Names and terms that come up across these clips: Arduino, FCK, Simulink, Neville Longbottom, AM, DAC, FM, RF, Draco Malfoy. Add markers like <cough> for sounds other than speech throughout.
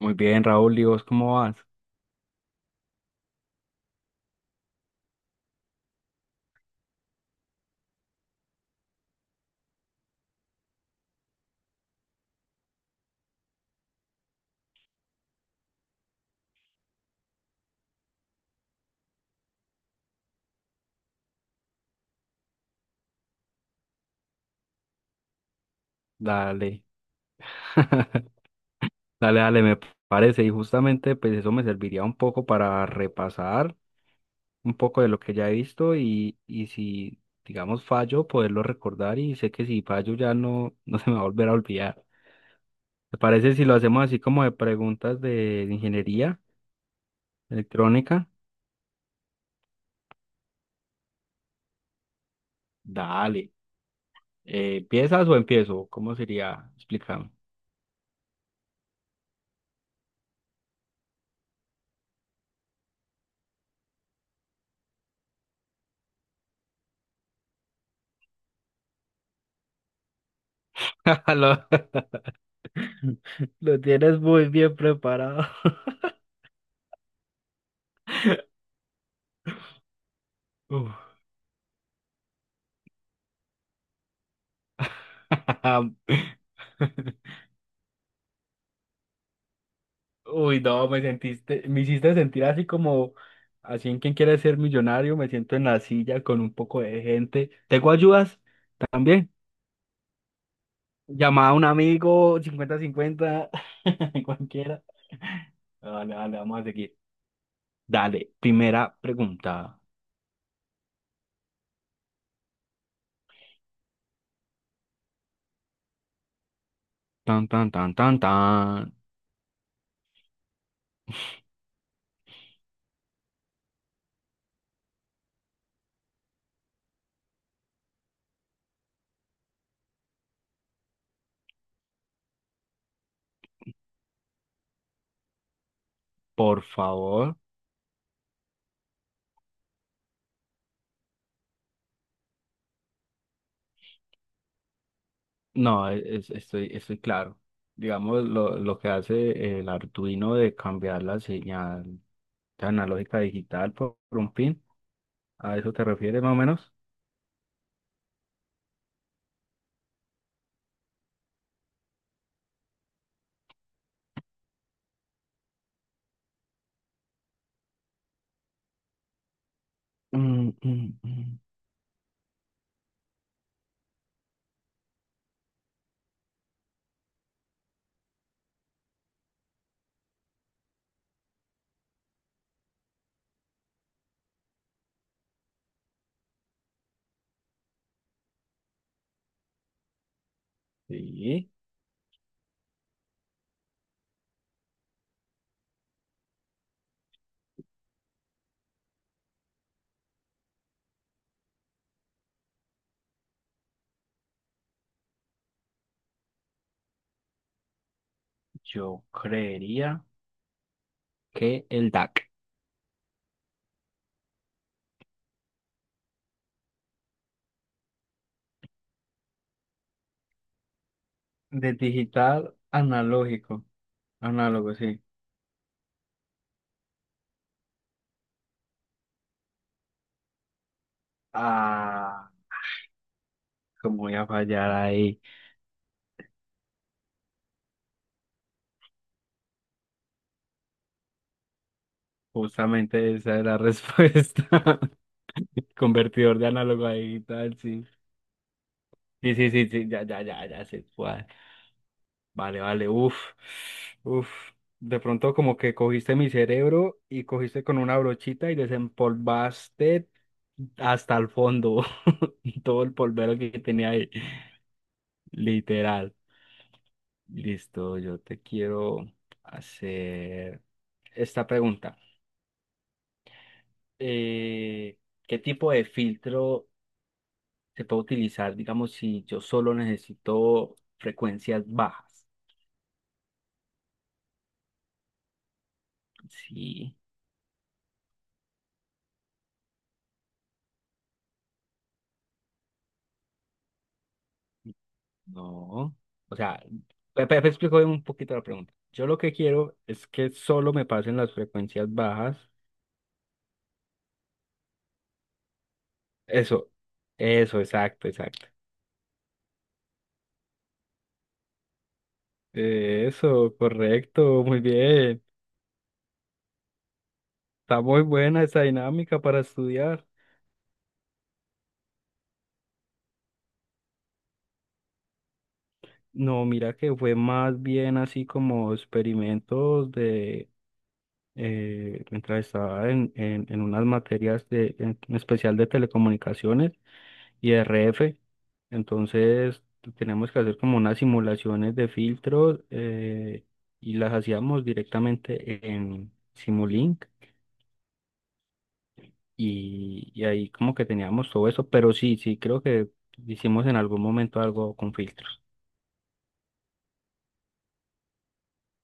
Muy bien, Raúl, ¿y vos cómo vas? Dale, <laughs> dale, dale, me parece. Y justamente pues eso me serviría un poco para repasar un poco de lo que ya he visto y si, digamos, fallo, poderlo recordar y sé que si fallo ya no, <laughs> no se me va a volver a olvidar. ¿Te parece si lo hacemos así como de preguntas de ingeniería electrónica? Dale, ¿empiezas o empiezo? ¿Cómo sería? Explícame. <laughs> Lo, <laughs> lo tienes muy bien preparado. <laughs> Uf. <laughs> Uy, no, me sentiste, me hiciste sentir así como, así en quien quiere ser millonario, me siento en la silla con un poco de gente. ¿Tengo ayudas? También. Llamada a un amigo, cincuenta cincuenta <laughs> cualquiera. No, dale dale vamos a seguir. Dale, primera pregunta. Tan, tan, tan, tan, tan. Por favor. No, estoy claro. Digamos, lo que hace el Arduino de cambiar la señal de analógica a digital por un pin, ¿a eso te refieres más o menos? Mm, mm, mm. Sí, yo creería que el DAC. De digital analógico, análogo, sí. Ah, ¿cómo voy a fallar ahí? Justamente esa es la respuesta. <laughs> Convertidor de análogo a digital, sí. Sí, sí, sí, sí, ya, ya, ya, ya sé cuál. Vale, vale, uff, uff. De pronto como que cogiste mi cerebro y cogiste con una brochita y desempolvaste hasta el fondo <laughs> todo el polvero que tenía ahí, literal. Listo, yo te quiero hacer esta pregunta. Eh, ¿Qué tipo de filtro se puede utilizar, digamos, si yo solo necesito frecuencias bajas? Sí. No. O sea, explico un poquito la pregunta. Yo lo que quiero es que solo me pasen las frecuencias bajas. Eso, eso, exacto, exacto. Eso, correcto, muy bien. Está muy buena esa dinámica para estudiar. No, mira que fue más bien así como experimentos de, mientras estaba en unas materias de, en especial de telecomunicaciones y RF. Entonces tenemos que hacer como unas simulaciones de filtros y las hacíamos directamente en Simulink y ahí como que teníamos todo eso, pero sí, sí, creo que hicimos en algún momento algo con filtros.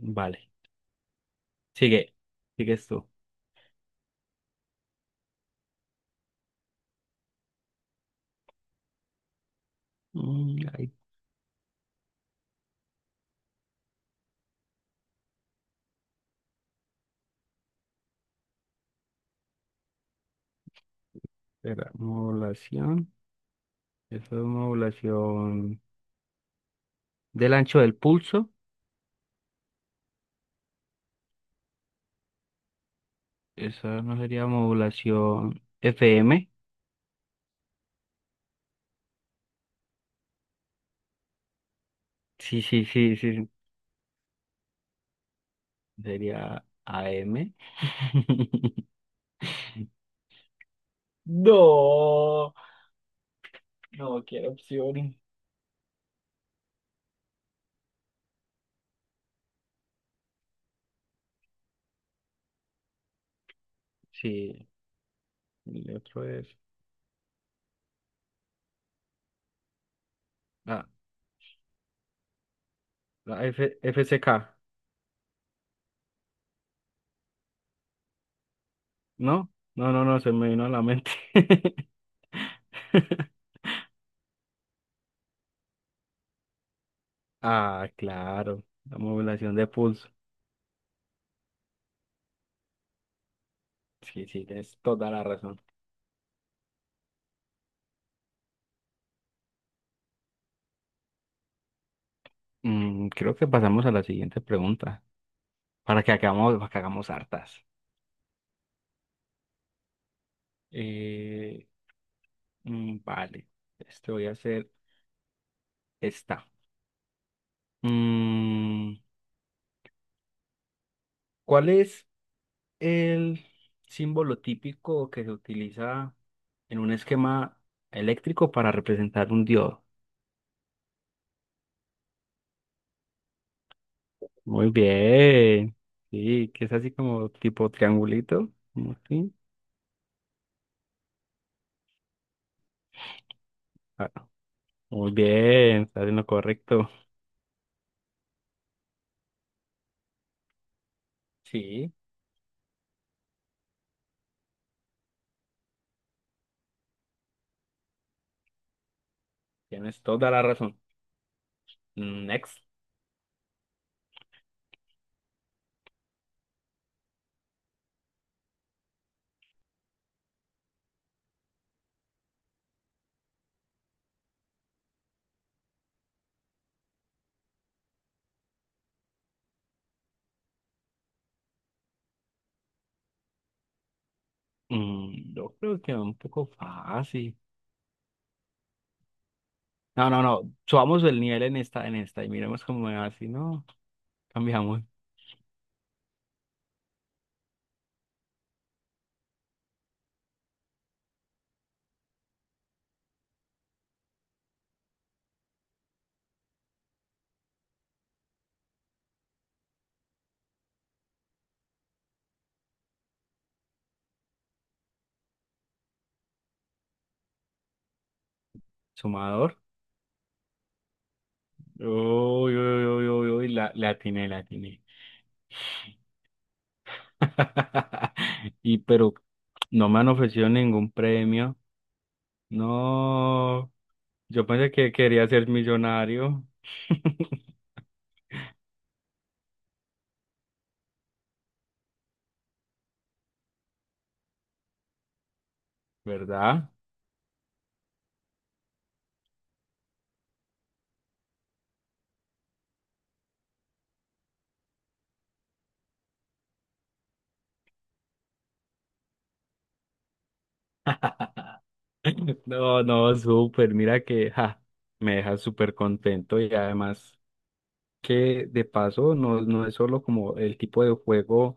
Vale, sigue, sigues tú. Mm, ahí, espera, modulación, eso es modulación del ancho del pulso, esa no sería modulación FM. Sí, sí, sí, sí. Sería AM <laughs> No, no quiero opciones. Sí, el otro es. Ah, la FCK. No, no, no, no, se me vino a la mente. <laughs> Ah, claro, la modulación de pulso. Sí, sí, tienes toda la razón. Mm, creo que pasamos a la siguiente pregunta para que hagamos hartas. Eh, vale, te voy a hacer esta. Mm, ¿Cuál es el símbolo típico que se utiliza en un esquema eléctrico para representar un diodo? Muy bien. Sí, que es así como tipo triangulito, como así. Ah, muy bien, está en lo correcto. Sí, tienes toda la razón. Next. Mm, yo creo que un poco fácil. No, no, no. Subamos el nivel en esta, y miremos cómo es así, ¿no? Cambiamos. Sumador. Uy, uy, uy, uy, uy, la atiné, la atiné. <laughs> Y pero no me han ofrecido ningún premio. No, yo pensé que quería ser millonario, <laughs> ¿verdad? No, no, súper, mira que ja, me deja súper contento y además que de paso no, no es solo como el tipo de juego,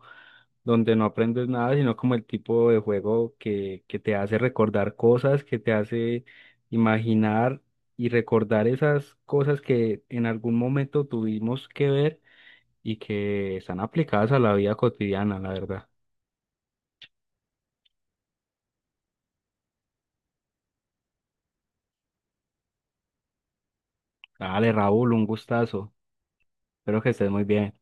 donde no aprendes nada, sino como el tipo de juego que te hace recordar cosas, que te hace imaginar y recordar esas cosas que en algún momento tuvimos que ver y que están aplicadas a la vida cotidiana, la verdad. Dale, Raúl, un gustazo. Espero que estés muy bien.